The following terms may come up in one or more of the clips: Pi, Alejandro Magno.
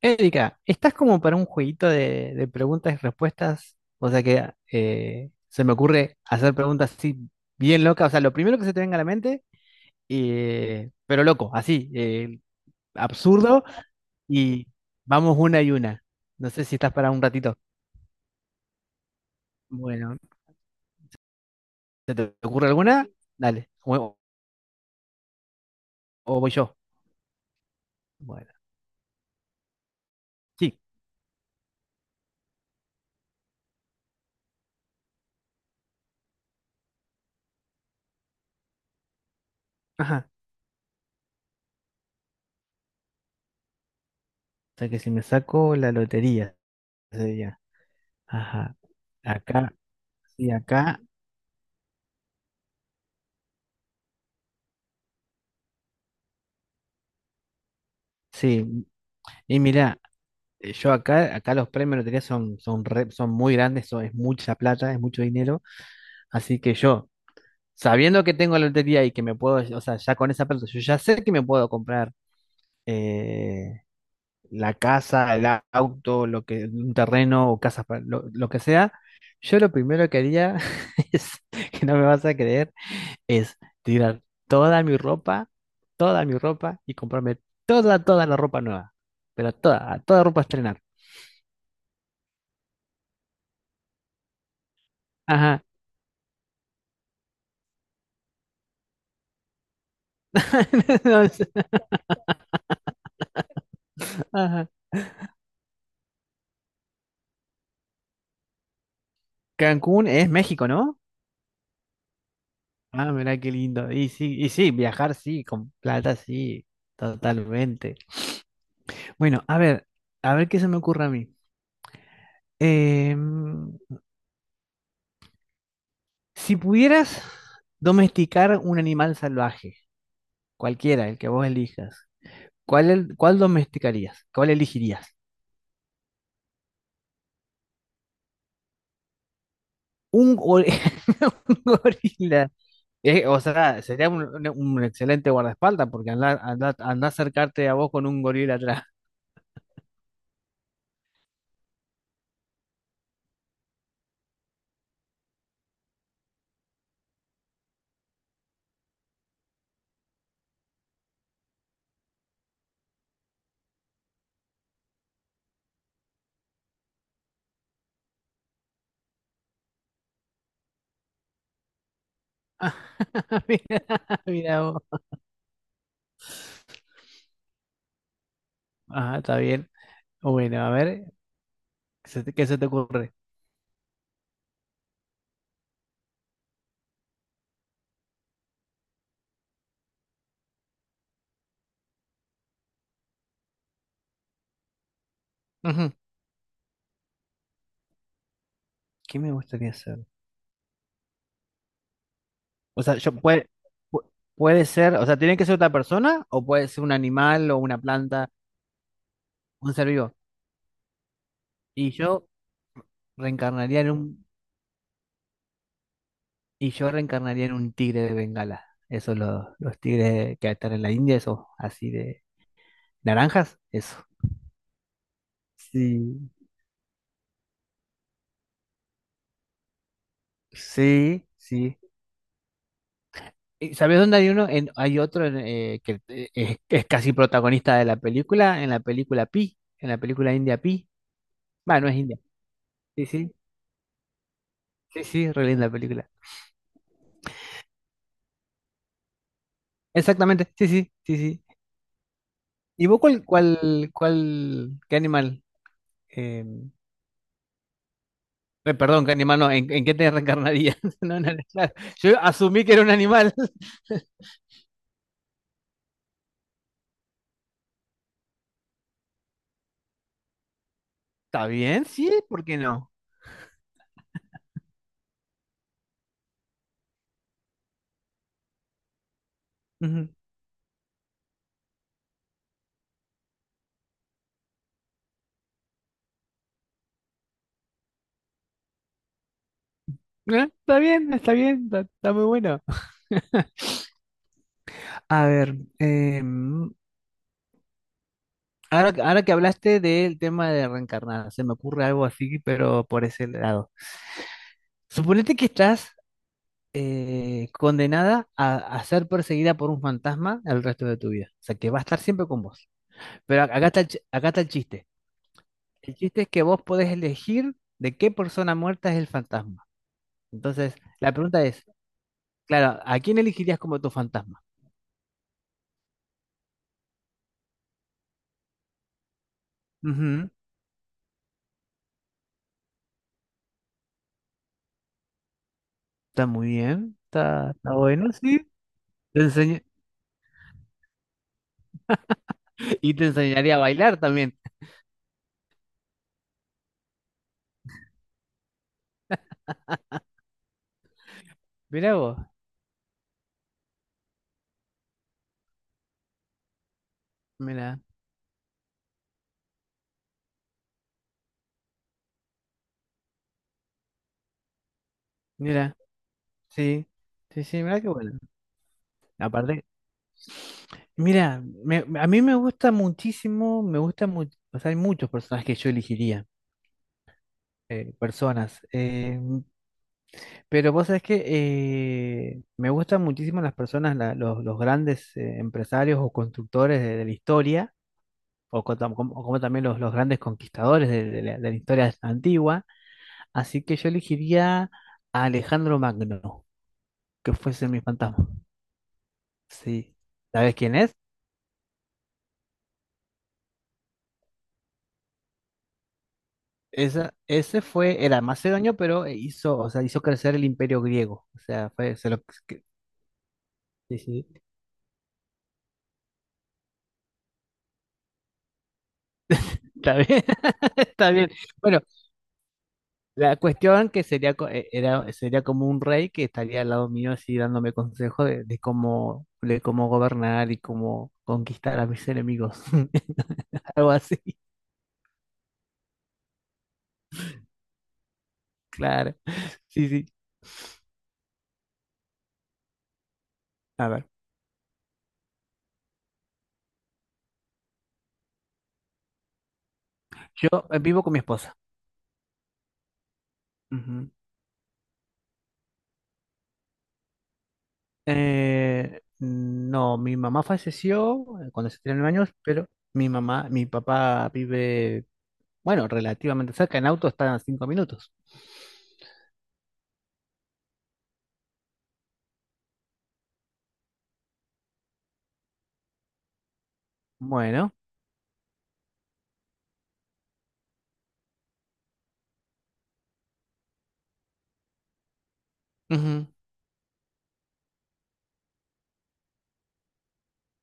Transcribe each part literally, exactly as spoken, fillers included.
Erika, ¿estás como para un jueguito de, de preguntas y respuestas? O sea que eh, se me ocurre hacer preguntas así bien locas, o sea, lo primero que se te venga a la mente, eh, pero loco, así, eh, absurdo, y vamos una y una. No sé si estás para un ratito. Bueno, ¿se te ocurre alguna? Dale, o, o voy yo. Bueno, sí, ajá. O sea que si me saco la lotería, sería. Ajá, acá, sí, acá, sí. Y mirá. Eh, yo acá, acá los premios de lotería son, son, re- son muy grandes, son- es mucha plata, es mucho dinero. Así que yo, sabiendo que tengo la lotería y que me puedo, o sea, ya con esa plata, yo ya sé que me puedo comprar eh, la casa, el au- auto, lo que, un terreno o casas, para- lo, lo que sea. Yo lo primero que haría es, que no me vas a creer, es tirar toda mi ropa, toda mi ropa y comprarme toda, toda la ropa nueva. Pero toda, toda ropa a estrenar. Ajá. No sé. Ajá. Cancún es México, ¿no? Ah, mirá qué lindo. Y sí, y sí, viajar sí, con plata sí, totalmente. Bueno, a ver, a ver qué se me ocurre a mí. Em, si pudieras domesticar un animal salvaje, cualquiera, el que vos elijas, ¿cuál, el- cuál domesticarías? ¿Cuál elegirías? Un, gor- un gorila. Eh, o sea, sería un, un- un excelente guardaespaldas porque andar, andar, andar a acercarte a vos con un gorila atrás. Mira, mira vos. Ajá, está bien. Bueno, a ver, ¿qué se te, qué se te ocurre? Ujú, ¿qué me gustaría hacer? O sea, yo puede, pu- puede ser, o sea, tiene que ser otra persona o puede ser un animal o una planta, un ser vivo. Y yo reencarnaría en un, y yo reencarnaría en un tigre de Bengala. Esos los, los tigres que están en la India, esos así de naranjas, eso. Sí, sí, sí. Eh, ¿Sabes dónde hay uno? En- hay otro en, eh, que eh, es, es casi protagonista de la película, en la película Pi, en la película India Pi. Bueno, no es India. Sí, sí, sí, sí, re linda película. Exactamente, sí, sí, sí, sí. ¿Y vos cuál, cuál, cuál, qué animal? eh, eh, Perdón, qué animal no, ¿en, en qué te reencarnarías? No, no, no, claro. Yo asumí que era un animal. ¿Está bien? Sí, ¿por qué no? Ujú. Eh, Está bien, está bien, está, está muy bueno. A ver, Ahora, ahora que hablaste del tema de reencarnar, se me ocurre algo así, pero por ese lado. Suponete que estás eh, condenada a, a ser perseguida por un fantasma el resto de tu vida. O sea, que va a estar siempre con vos. Pero acá está el, chi- acá está el chiste. El chiste es que vos podés elegir de qué persona muerta es el fantasma. Entonces, la pregunta es, claro, ¿a quién elegirías como tu fantasma? Ujú, está muy bien, está, está bueno, sí. Te enseña- y te enseñaría a bailar también. Mirá vos, mira. Mira, sí, sí, sí, mira qué bueno. Aparte, mira, me- me- a mí me gusta muchísimo, me gusta mucho, o sea, hay muchos personajes que yo elegiría, eh, personas, eh, pero vos sabés que eh, me gustan muchísimo las personas, la- los, los grandes eh, empresarios o constructores de, de la historia, o, co- tam- como, como también los, los grandes conquistadores de, de la, de la historia antigua, así que yo elegiría a Alejandro Magno, que fuese mi fantasma. Sí, ¿sabes quién es? Esa, ese fue el macedonio, pero eh, hizo, o sea, hizo crecer el imperio griego. O sea, fue, se lo, que- sí, sí, está bien, está bien. Bueno, la cuestión que sería, co- eh, era, sería como un rey que estaría al lado mío así dándome consejos de, de cómo, de cómo gobernar y cómo conquistar a mis enemigos. Algo así, claro. Sí, sí. A ver, yo eh, vivo con mi esposa. Eh, no, mi mamá falleció eh, cuando se tenía nueve años, pero mi mamá, mi papá vive, bueno, relativamente cerca, en auto están a cinco minutos. Bueno, ujú,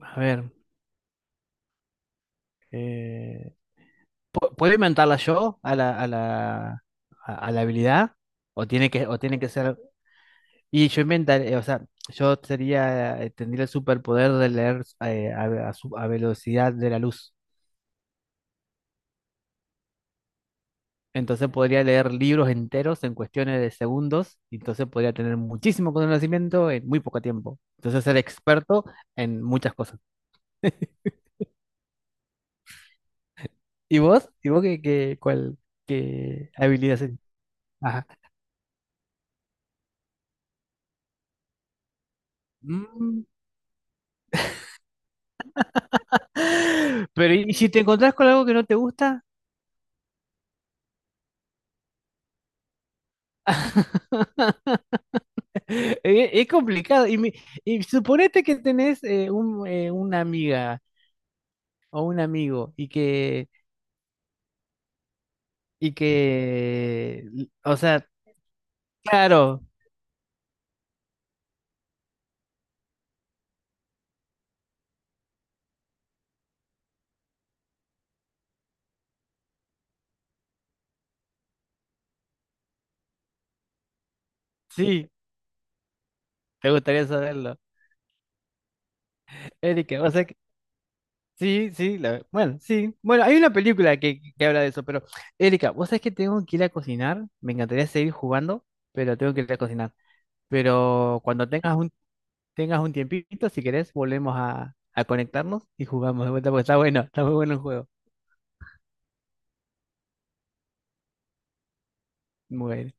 a ver, eh, ¿pu- ¿puedo inventarla yo a la, a la, a, a la habilidad? ¿O tiene que, o tiene que ser... Y yo inventaré, o sea, yo sería, eh, tendría el superpoder de leer eh, a, a su- a velocidad de la luz. Entonces podría leer libros enteros en cuestiones de segundos, y entonces podría tener muchísimo conocimiento en muy poco tiempo. Entonces ser experto en muchas cosas. ¿Y vos? ¿Y vos qué, qué, cuál, qué habilidad se- Ajá. Mm. Pero ¿y si te encontrás con algo que no te gusta? Eh, Es, complicado. Y, mi- y suponete que tenés eh, un, eh, una amiga o un amigo y que, y que, o sea, claro, sí, ¿te gustaría saberlo? Erika, vos sabés que... Sí, sí, la- bueno, sí. Bueno, hay una película que, que habla de eso, pero Erika, vos sabés que tengo que ir a cocinar. Me encantaría seguir jugando, pero tengo que ir a cocinar. Pero cuando tengas un, tengas un tiempito, si querés, volvemos a, a conectarnos y jugamos de vuelta, porque está bueno, está muy bueno el juego. Muy bueno.